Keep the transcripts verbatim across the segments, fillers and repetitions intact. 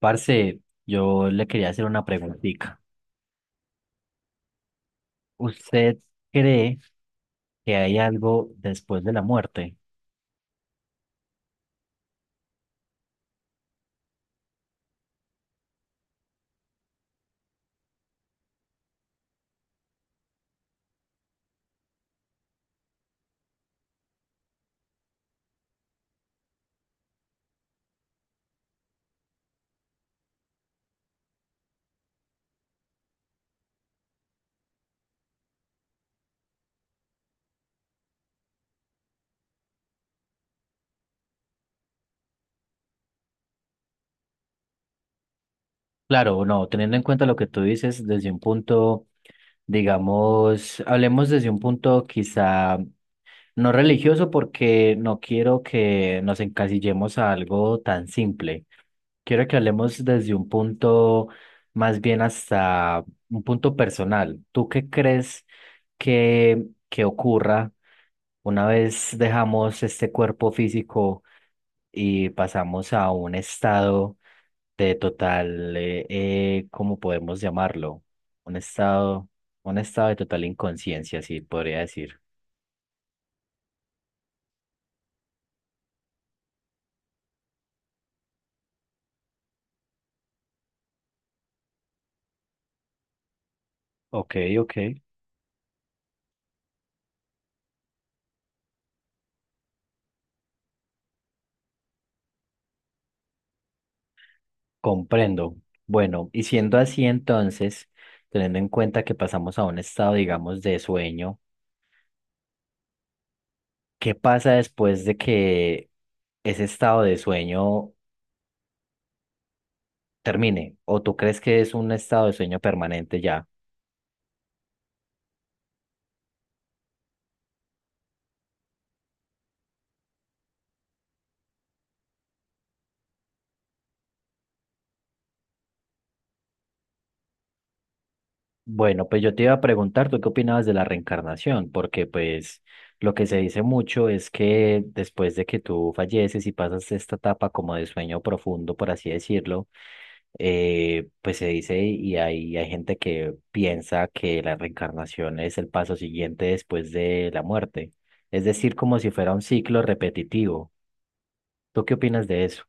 Parce, yo le quería hacer una preguntita. ¿Usted cree que hay algo después de la muerte? Claro, no, teniendo en cuenta lo que tú dices desde un punto, digamos, hablemos desde un punto quizá no religioso porque no quiero que nos encasillemos a algo tan simple. Quiero que hablemos desde un punto más bien hasta un punto personal. ¿Tú qué crees que, que ocurra? Una vez dejamos este cuerpo físico y pasamos a un estado de total, eh, eh, ¿cómo podemos llamarlo? Un estado, un estado de total inconsciencia, sí, podría decir. Ok, ok. Comprendo. Bueno, y siendo así entonces, teniendo en cuenta que pasamos a un estado, digamos, de sueño, ¿qué pasa después de que ese estado de sueño termine? ¿O tú crees que es un estado de sueño permanente ya? Bueno, pues yo te iba a preguntar, ¿tú qué opinabas de la reencarnación? Porque pues lo que se dice mucho es que después de que tú falleces y pasas esta etapa como de sueño profundo, por así decirlo, eh, pues se dice y hay, hay gente que piensa que la reencarnación es el paso siguiente después de la muerte. Es decir, como si fuera un ciclo repetitivo. ¿Tú qué opinas de eso?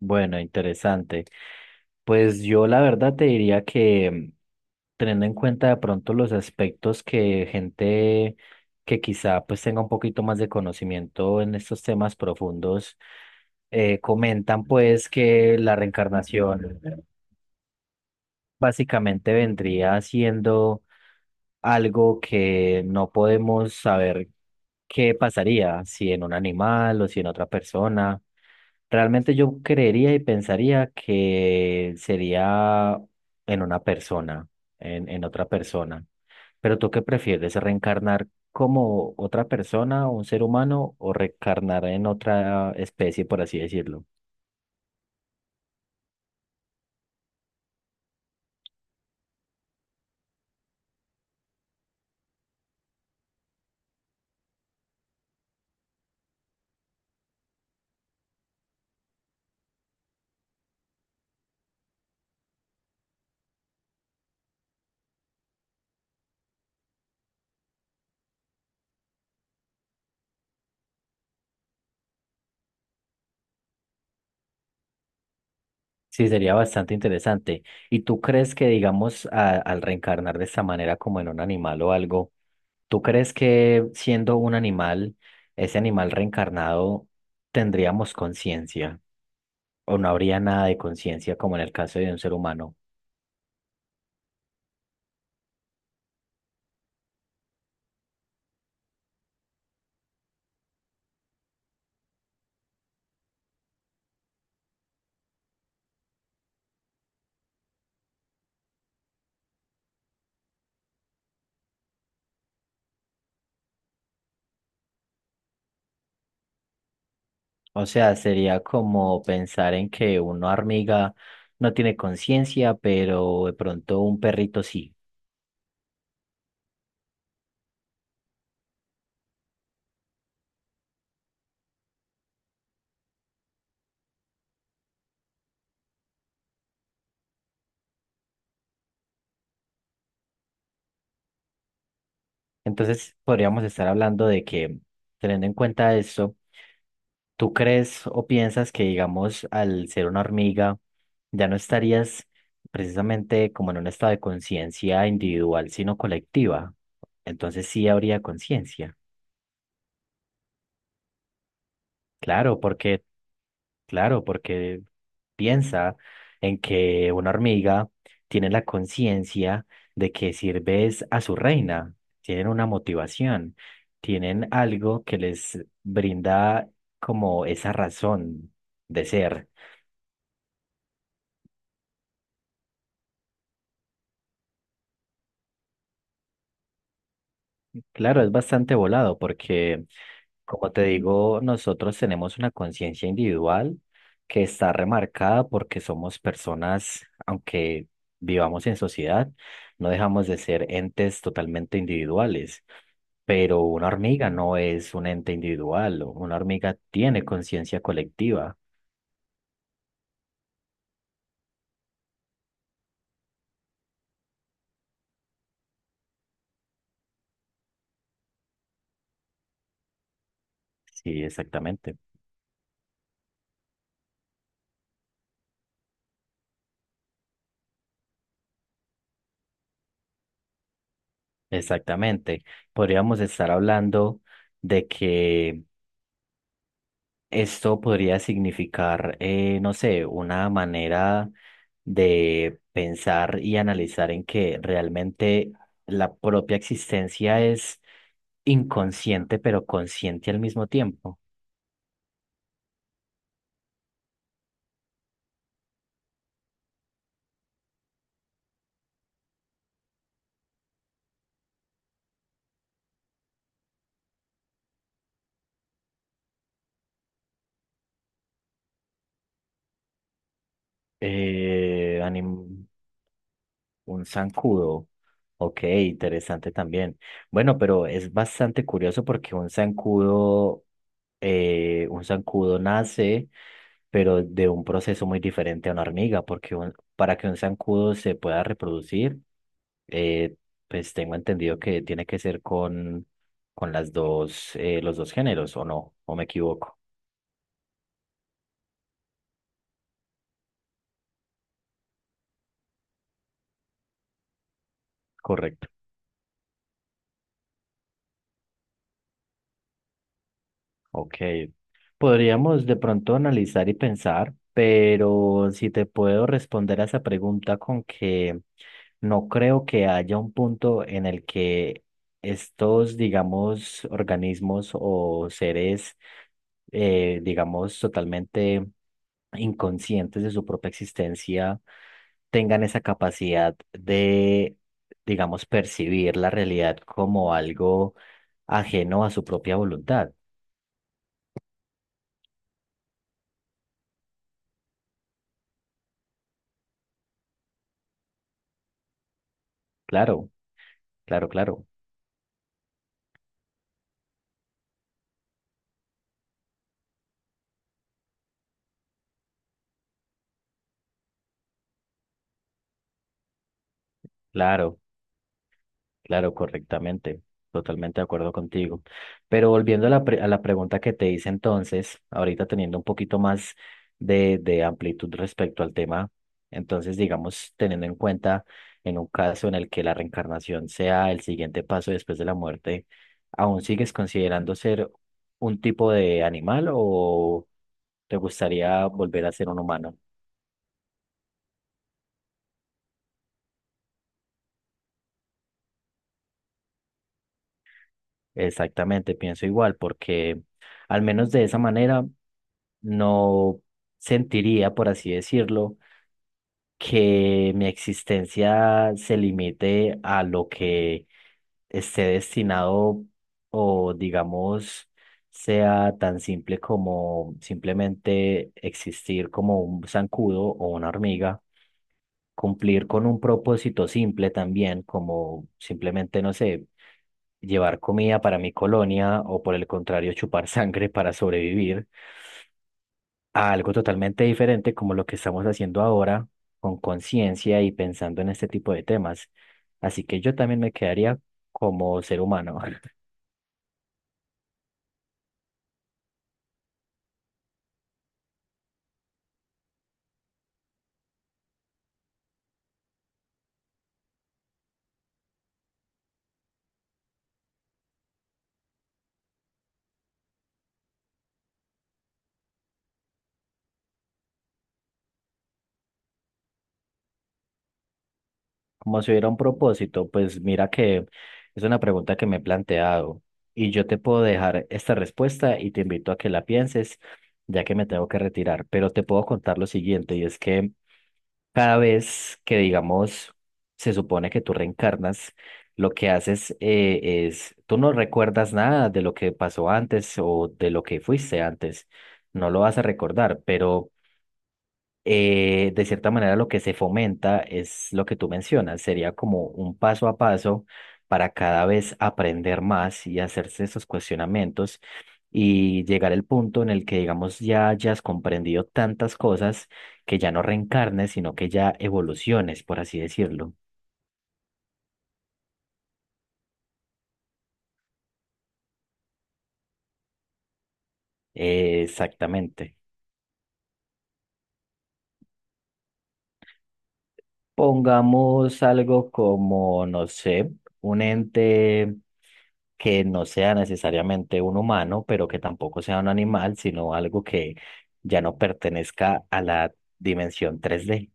Bueno, interesante. Pues yo la verdad te diría que mm, teniendo en cuenta de pronto los aspectos que gente que quizá pues tenga un poquito más de conocimiento en estos temas profundos eh, comentan pues que la reencarnación básicamente vendría siendo algo que no podemos saber qué pasaría, si en un animal o si en otra persona. Realmente yo creería y pensaría que sería en una persona, en, en otra persona. Pero ¿tú qué prefieres? ¿Reencarnar como otra persona, un ser humano, o reencarnar en otra especie, por así decirlo? Sí, sería bastante interesante. ¿Y tú crees que, digamos, a- al reencarnar de esta manera como en un animal o algo, ¿tú crees que siendo un animal, ese animal reencarnado, tendríamos conciencia? ¿O no habría nada de conciencia como en el caso de un ser humano? O sea, sería como pensar en que una hormiga no tiene conciencia, pero de pronto un perrito sí. Entonces, podríamos estar hablando de que, teniendo en cuenta eso, ¿tú crees o piensas que, digamos, al ser una hormiga, ya no estarías precisamente como en un estado de conciencia individual, sino colectiva? Entonces sí habría conciencia. Claro, porque, claro, porque piensa en que una hormiga tiene la conciencia de que sirves a su reina, tienen una motivación, tienen algo que les brinda como esa razón de ser. Claro, es bastante volado porque, como te digo, nosotros tenemos una conciencia individual que está remarcada porque somos personas, aunque vivamos en sociedad, no dejamos de ser entes totalmente individuales. Pero una hormiga no es un ente individual, o una hormiga tiene conciencia colectiva. Sí, exactamente, exactamente. Podríamos estar hablando de que esto podría significar, eh, no sé, una manera de pensar y analizar en que realmente la propia existencia es inconsciente, pero consciente al mismo tiempo. Eh, anim- Un zancudo. Ok, interesante también. Bueno, pero es bastante curioso porque un zancudo, eh, un zancudo nace, pero de un proceso muy diferente a una hormiga, porque un- para que un zancudo se pueda reproducir, eh, pues tengo entendido que tiene que ser con, con las dos, eh, los dos géneros, ¿o no? ¿O me equivoco? Correcto. Ok, podríamos de pronto analizar y pensar, pero si te puedo responder a esa pregunta con que no creo que haya un punto en el que estos, digamos, organismos o seres, eh, digamos, totalmente inconscientes de su propia existencia tengan esa capacidad de, digamos, percibir la realidad como algo ajeno a su propia voluntad. Claro, claro, claro. Claro, claro, correctamente. Totalmente de acuerdo contigo. Pero volviendo a la, pre- a la pregunta que te hice entonces, ahorita teniendo un poquito más de, de amplitud respecto al tema, entonces digamos, teniendo en cuenta en un caso en el que la reencarnación sea el siguiente paso después de la muerte, ¿aún sigues considerando ser un tipo de animal o te gustaría volver a ser un humano? Exactamente, pienso igual, porque al menos de esa manera no sentiría, por así decirlo, que mi existencia se limite a lo que esté destinado o digamos sea tan simple como simplemente existir como un zancudo o una hormiga, cumplir con un propósito simple también, como simplemente, no sé, llevar comida para mi colonia o por el contrario, chupar sangre para sobrevivir, a algo totalmente diferente como lo que estamos haciendo ahora con conciencia y pensando en este tipo de temas. Así que yo también me quedaría como ser humano. Como si hubiera un propósito, pues mira que es una pregunta que me he planteado y yo te puedo dejar esta respuesta y te invito a que la pienses, ya que me tengo que retirar, pero te puedo contar lo siguiente, y es que cada vez que, digamos, se supone que tú reencarnas, lo que haces eh, es, tú no recuerdas nada de lo que pasó antes o de lo que fuiste antes, no lo vas a recordar, pero eh, de cierta manera lo que se fomenta es lo que tú mencionas, sería como un paso a paso para cada vez aprender más y hacerse esos cuestionamientos y llegar al punto en el que, digamos, ya hayas comprendido tantas cosas que ya no reencarnes, sino que ya evoluciones, por así decirlo. Eh, exactamente. Pongamos algo como, no sé, un ente que no sea necesariamente un humano, pero que tampoco sea un animal, sino algo que ya no pertenezca a la dimensión tres d.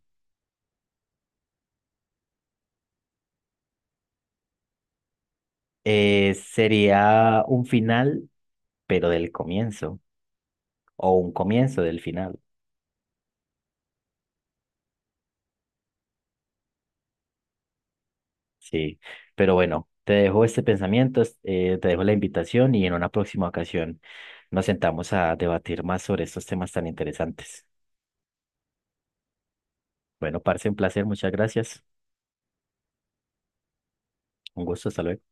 Eh, sería un final, pero del comienzo, o un comienzo del final. Sí, pero bueno, te dejo este pensamiento, es- eh, te dejo la invitación y en una próxima ocasión nos sentamos a debatir más sobre estos temas tan interesantes. Bueno, parce, un placer, muchas gracias. Un gusto, hasta luego.